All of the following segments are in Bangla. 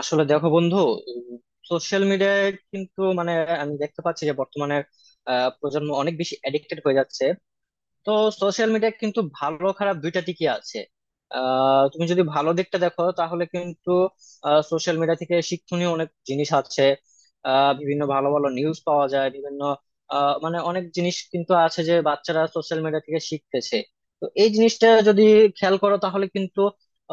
আসলে দেখো বন্ধু, সোশ্যাল মিডিয়ায় কিন্তু মানে আমি দেখতে পাচ্ছি যে বর্তমানে প্রজন্ম অনেক বেশি অ্যাডিক্টেড হয়ে যাচ্ছে। তো সোশ্যাল মিডিয়া কিন্তু ভালো খারাপ দুইটা দিকই আছে। তুমি যদি ভালো দিকটা দেখো তাহলে কিন্তু সোশ্যাল মিডিয়া থেকে শিক্ষণীয় অনেক জিনিস আছে। বিভিন্ন ভালো ভালো নিউজ পাওয়া যায় বিভিন্ন মানে অনেক জিনিস কিন্তু আছে যে বাচ্চারা সোশ্যাল মিডিয়া থেকে শিখতেছে। তো এই জিনিসটা যদি খেয়াল করো তাহলে কিন্তু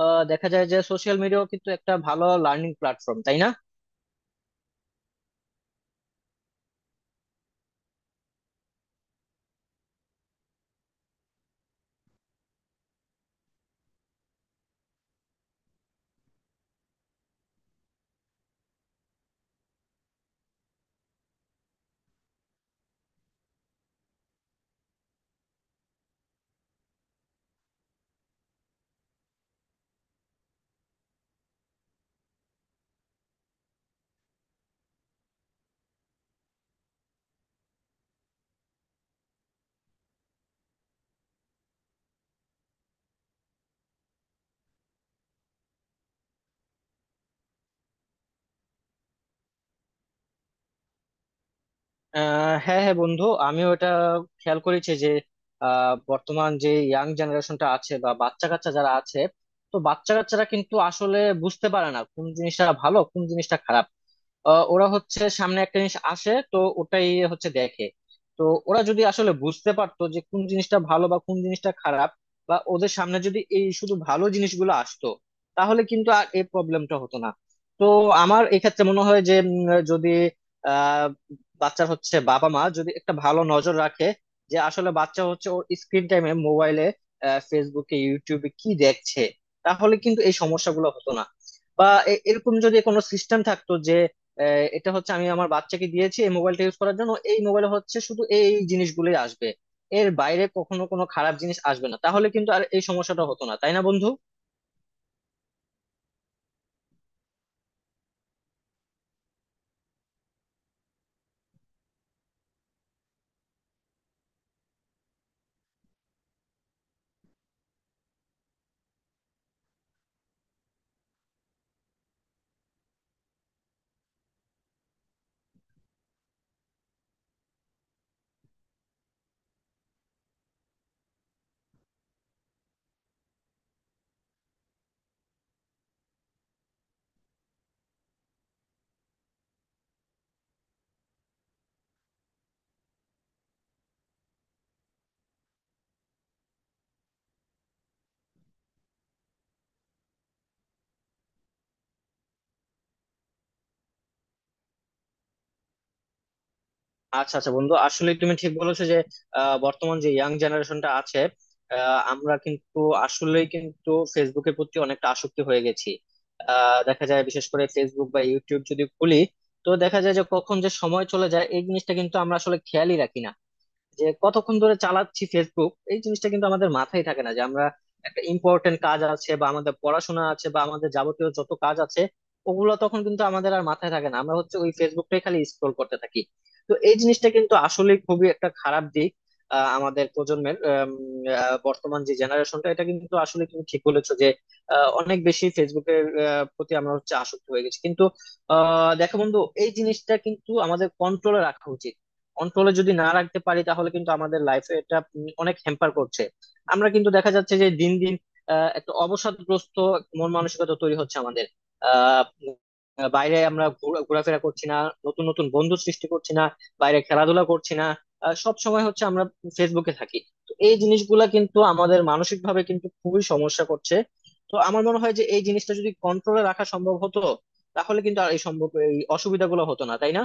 দেখা যায় যে সোশ্যাল মিডিয়াও কিন্তু একটা ভালো লার্নিং প্ল্যাটফর্ম, তাই না? হ্যাঁ হ্যাঁ বন্ধু, আমিও এটা খেয়াল করেছি যে বর্তমান যে ইয়াং জেনারেশনটা আছে বা বাচ্চা কাচ্চা যারা আছে, তো বাচ্চা কাচ্চারা কিন্তু আসলে বুঝতে পারে না কোন জিনিসটা ভালো কোন জিনিসটা খারাপ। ওরা হচ্ছে সামনে একটা জিনিস আসে তো ওটাই হচ্ছে দেখে। তো ওরা যদি আসলে বুঝতে পারতো যে কোন জিনিসটা ভালো বা কোন জিনিসটা খারাপ, বা ওদের সামনে যদি এই শুধু ভালো জিনিসগুলো আসতো, তাহলে কিন্তু আর এই প্রবলেমটা হতো না। তো আমার এক্ষেত্রে মনে হয় যে যদি আহ বাচ্চার হচ্ছে বাবা মা যদি একটা ভালো নজর রাখে যে আসলে বাচ্চা হচ্ছে ওর স্ক্রিন টাইমে মোবাইলে ফেসবুকে ইউটিউবে কি দেখছে, তাহলে কিন্তু এই সমস্যাগুলো হতো না। বা এরকম যদি কোনো সিস্টেম থাকতো যে আহ, এটা হচ্ছে আমি আমার বাচ্চাকে দিয়েছি এই মোবাইলটা ইউজ করার জন্য, এই মোবাইলে হচ্ছে শুধু এই জিনিসগুলোই আসবে, এর বাইরে কখনো কোনো খারাপ জিনিস আসবে না, তাহলে কিন্তু আর এই সমস্যাটা হতো না, তাই না বন্ধু? আচ্ছা আচ্ছা বন্ধু, আসলে তুমি ঠিক বলেছো যে বর্তমান যে ইয়াং জেনারেশনটা আছে, আমরা কিন্তু আসলেই কিন্তু ফেসবুকের প্রতি অনেকটা আসক্তি হয়ে গেছি। দেখা যায় বিশেষ করে ফেসবুক বা ইউটিউব যদি খুলি, তো দেখা যায় যে কখন যে সময় চলে যায় এই জিনিসটা কিন্তু আমরা আসলে খেয়ালই রাখি না যে কতক্ষণ ধরে চালাচ্ছি ফেসবুক। এই জিনিসটা কিন্তু আমাদের মাথায় থাকে না যে আমরা একটা ইম্পর্টেন্ট কাজ আছে বা আমাদের পড়াশোনা আছে বা আমাদের যাবতীয় যত কাজ আছে, ওগুলো তখন কিন্তু আমাদের আর মাথায় থাকে না, আমরা হচ্ছে ওই ফেসবুকটাই খালি স্ক্রোল করতে থাকি। তো এই জিনিসটা কিন্তু আসলে খুবই একটা খারাপ দিক আমাদের প্রজন্মের বর্তমান যে জেনারেশনটা, এটা কিন্তু আসলে তুমি ঠিক বলেছো যে অনেক বেশি ফেসবুকের প্রতি আমরা হচ্ছে আসক্ত হয়ে গেছি। কিন্তু দেখো বন্ধু, এই জিনিসটা কিন্তু আমাদের কন্ট্রোলে রাখা উচিত। কন্ট্রোলে যদি না রাখতে পারি তাহলে কিন্তু আমাদের লাইফে এটা অনেক হ্যাম্পার করছে। আমরা কিন্তু দেখা যাচ্ছে যে দিন দিন একটা অবসাদগ্রস্ত মন মানসিকতা তৈরি হচ্ছে আমাদের। আহ উম, বাইরে আমরা ঘোরাফেরা করছি না, নতুন নতুন বন্ধু সৃষ্টি করছি না, বাইরে খেলাধুলা করছি না, সব সময় হচ্ছে আমরা ফেসবুকে থাকি। তো এই জিনিসগুলা কিন্তু আমাদের মানসিক ভাবে কিন্তু খুবই সমস্যা করছে। তো আমার মনে হয় যে এই জিনিসটা যদি কন্ট্রোলে রাখা সম্ভব হতো, তাহলে কিন্তু আর এই সম্ভব এই অসুবিধাগুলো হতো না, তাই না?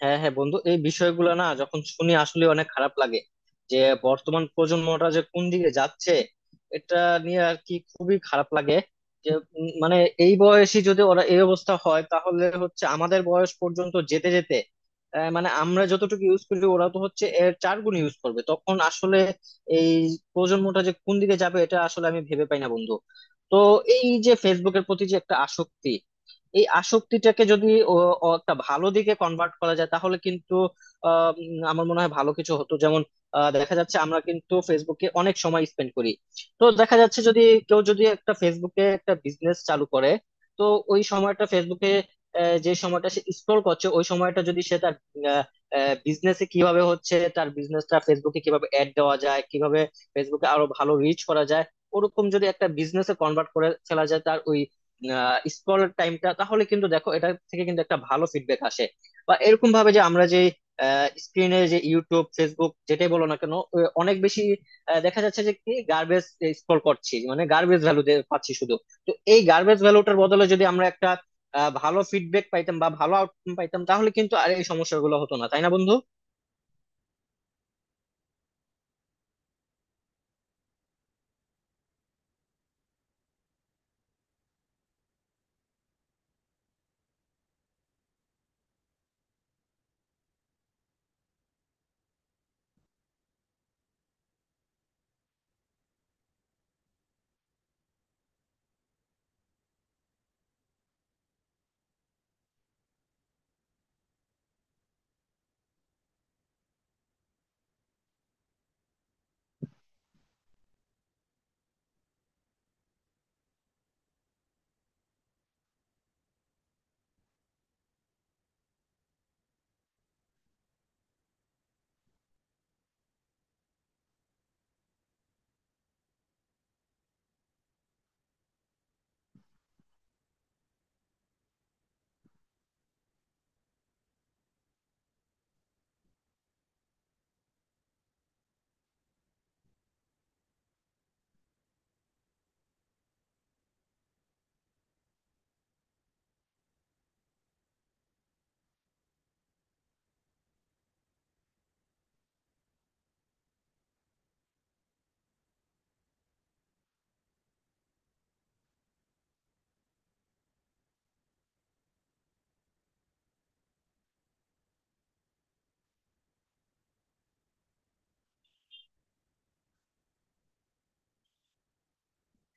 হ্যাঁ হ্যাঁ বন্ধু, এই বিষয়গুলো না যখন শুনি আসলে অনেক খারাপ লাগে যে বর্তমান প্রজন্মটা যে কোন দিকে যাচ্ছে, এটা নিয়ে আর কি খুবই খারাপ লাগে। যে মানে এই বয়সে যদি ওরা এই অবস্থা হয় তাহলে হচ্ছে আমাদের বয়স পর্যন্ত যেতে যেতে মানে আমরা যতটুকু ইউজ করি ওরা তো হচ্ছে এর চার গুণ ইউজ করবে, তখন আসলে এই প্রজন্মটা যে কোন দিকে যাবে এটা আসলে আমি ভেবে পাই না বন্ধু। তো এই যে ফেসবুকের প্রতি যে একটা আসক্তি, এই আসক্তিটাকে যদি ও ও একটা ভালো দিকে কনভার্ট করা যায়, তাহলে কিন্তু আমার মনে হয় ভালো কিছু হতো। যেমন দেখা যাচ্ছে আমরা কিন্তু ফেসবুকে অনেক সময় স্পেন্ড করি। তো দেখা যাচ্ছে যদি কেউ যদি একটা ফেসবুকে একটা বিজনেস চালু করে, তো ওই সময়টা ফেসবুকে যে সময়টা সে স্ক্রল করছে, ওই সময়টা যদি সে তার বিজনেসে কিভাবে হচ্ছে তার বিজনেসটা ফেসবুকে কিভাবে অ্যাড দেওয়া যায়, কিভাবে ফেসবুকে আরো ভালো রিচ করা যায়, ওরকম যদি একটা বিজনেসে কনভার্ট করে ফেলা যায় তার ওই স্ক্রল টাইমটা, তাহলে কিন্তু দেখো এটা থেকে কিন্তু একটা ভালো ফিডব্যাক আসে। বা এরকম ভাবে যে আমরা যে স্ক্রিনে যে ইউটিউব ফেসবুক যেটাই বলো না কেন, ও অনেক বেশি দেখা যাচ্ছে যে কি গার্বেজ স্ক্রল করছি, মানে গার্বেজ ভ্যালু পাচ্ছি শুধু। তো এই গার্বেজ ভ্যালুটার বদলে যদি আমরা একটা ভালো ফিডব্যাক পাইতাম বা ভালো আউটকাম পাইতাম, তাহলে কিন্তু আর এই সমস্যাগুলো হতো না, তাই না বন্ধু?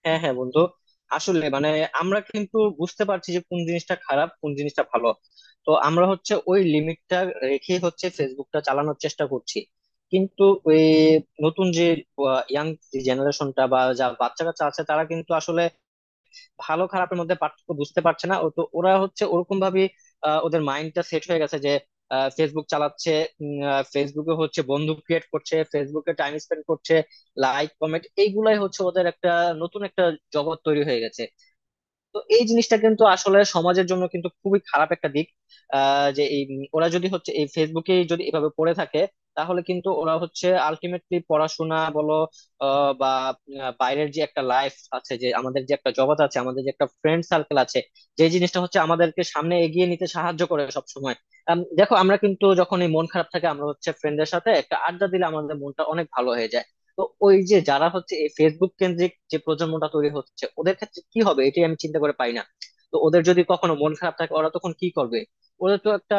হ্যাঁ হ্যাঁ বন্ধু, আসলে মানে আমরা কিন্তু বুঝতে পারছি যে কোন জিনিসটা খারাপ কোন জিনিসটা ভালো। তো আমরা হচ্ছে ওই লিমিটটা রেখে হচ্ছে ফেসবুকটা চালানোর চেষ্টা করছি। কিন্তু ওই নতুন যে ইয়াং জেনারেশনটা বা যা বাচ্চা কাচ্চা আছে তারা কিন্তু আসলে ভালো খারাপের মধ্যে পার্থক্য বুঝতে পারছে না। ও তো ওরা হচ্ছে ওরকম ভাবে ওদের মাইন্ডটা সেট হয়ে গেছে যে ফেসবুক চালাচ্ছে, ফেসবুকে হচ্ছে বন্ধু ক্রিয়েট করছে, ফেসবুকে টাইম স্পেন্ড করছে, লাইক কমেন্ট এইগুলাই হচ্ছে ওদের একটা নতুন একটা জগৎ তৈরি হয়ে গেছে। তো এই জিনিসটা কিন্তু আসলে সমাজের জন্য কিন্তু খুবই খারাপ একটা দিক। যে এই ওরা যদি হচ্ছে এই ফেসবুকে যদি এভাবে পড়ে থাকে, তাহলে কিন্তু ওরা হচ্ছে আলটিমেটলি পড়াশোনা বলো বা বাইরের যে একটা লাইফ আছে, যে আমাদের যে একটা জগৎ আছে, আমাদের যে একটা ফ্রেন্ড সার্কেল আছে, যে জিনিসটা হচ্ছে আমাদেরকে সামনে এগিয়ে নিতে সাহায্য করে সব সময়। দেখো আমরা কিন্তু যখন এই মন খারাপ থাকে আমরা হচ্ছে ফ্রেন্ডদের সাথে একটা আড্ডা দিলে আমাদের মনটা অনেক ভালো হয়ে যায়। তো ওই যে যারা হচ্ছে এই ফেসবুক কেন্দ্রিক যে প্রজন্মটা তৈরি হচ্ছে ওদের ক্ষেত্রে কি হবে এটাই আমি চিন্তা করে পাই না। তো ওদের যদি কখনো মন খারাপ থাকে ওরা তখন কি করবে? ওদের তো একটা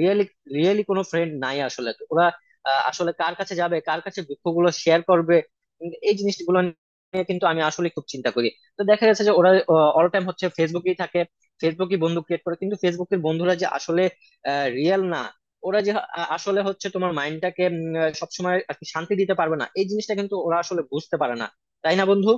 রিয়েলি রিয়েলি কোনো ফ্রেন্ড নাই আসলে, তো ওরা আসলে কার কাছে যাবে, কার কাছে দুঃখগুলো শেয়ার করবে? এই জিনিসগুলো নিয়ে কিন্তু আমি আসলে খুব চিন্তা করি। তো দেখা গেছে যে ওরা অল টাইম হচ্ছে ফেসবুকেই থাকে, ফেসবুকই বন্ধু ক্রিয়েট করে, কিন্তু ফেসবুকের বন্ধুরা যে আসলে রিয়েল না, ওরা যে আসলে হচ্ছে তোমার মাইন্ডটাকে সবসময় আর কি শান্তি দিতে পারবে না, এই জিনিসটা কিন্তু ওরা আসলে বুঝতে পারে না, তাই না বন্ধু?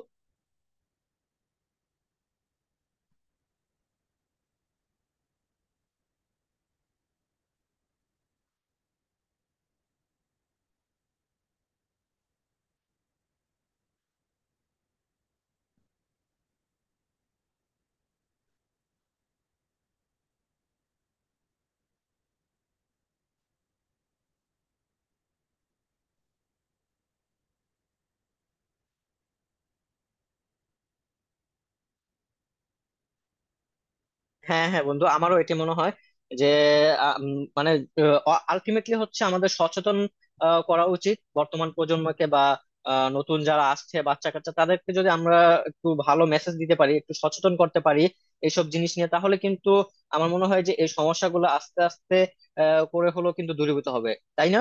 হ্যাঁ হ্যাঁ বন্ধু, আমারও এটা মনে হয় যে মানে আলটিমেটলি হচ্ছে আমাদের সচেতন করা উচিত বর্তমান প্রজন্মকে, বা নতুন যারা আসছে বাচ্চা কাচ্চা তাদেরকে যদি আমরা একটু ভালো মেসেজ দিতে পারি, একটু সচেতন করতে পারি এইসব জিনিস নিয়ে, তাহলে কিন্তু আমার মনে হয় যে এই সমস্যাগুলো আস্তে আস্তে আ, করে হলেও কিন্তু দূরীভূত হবে, তাই না?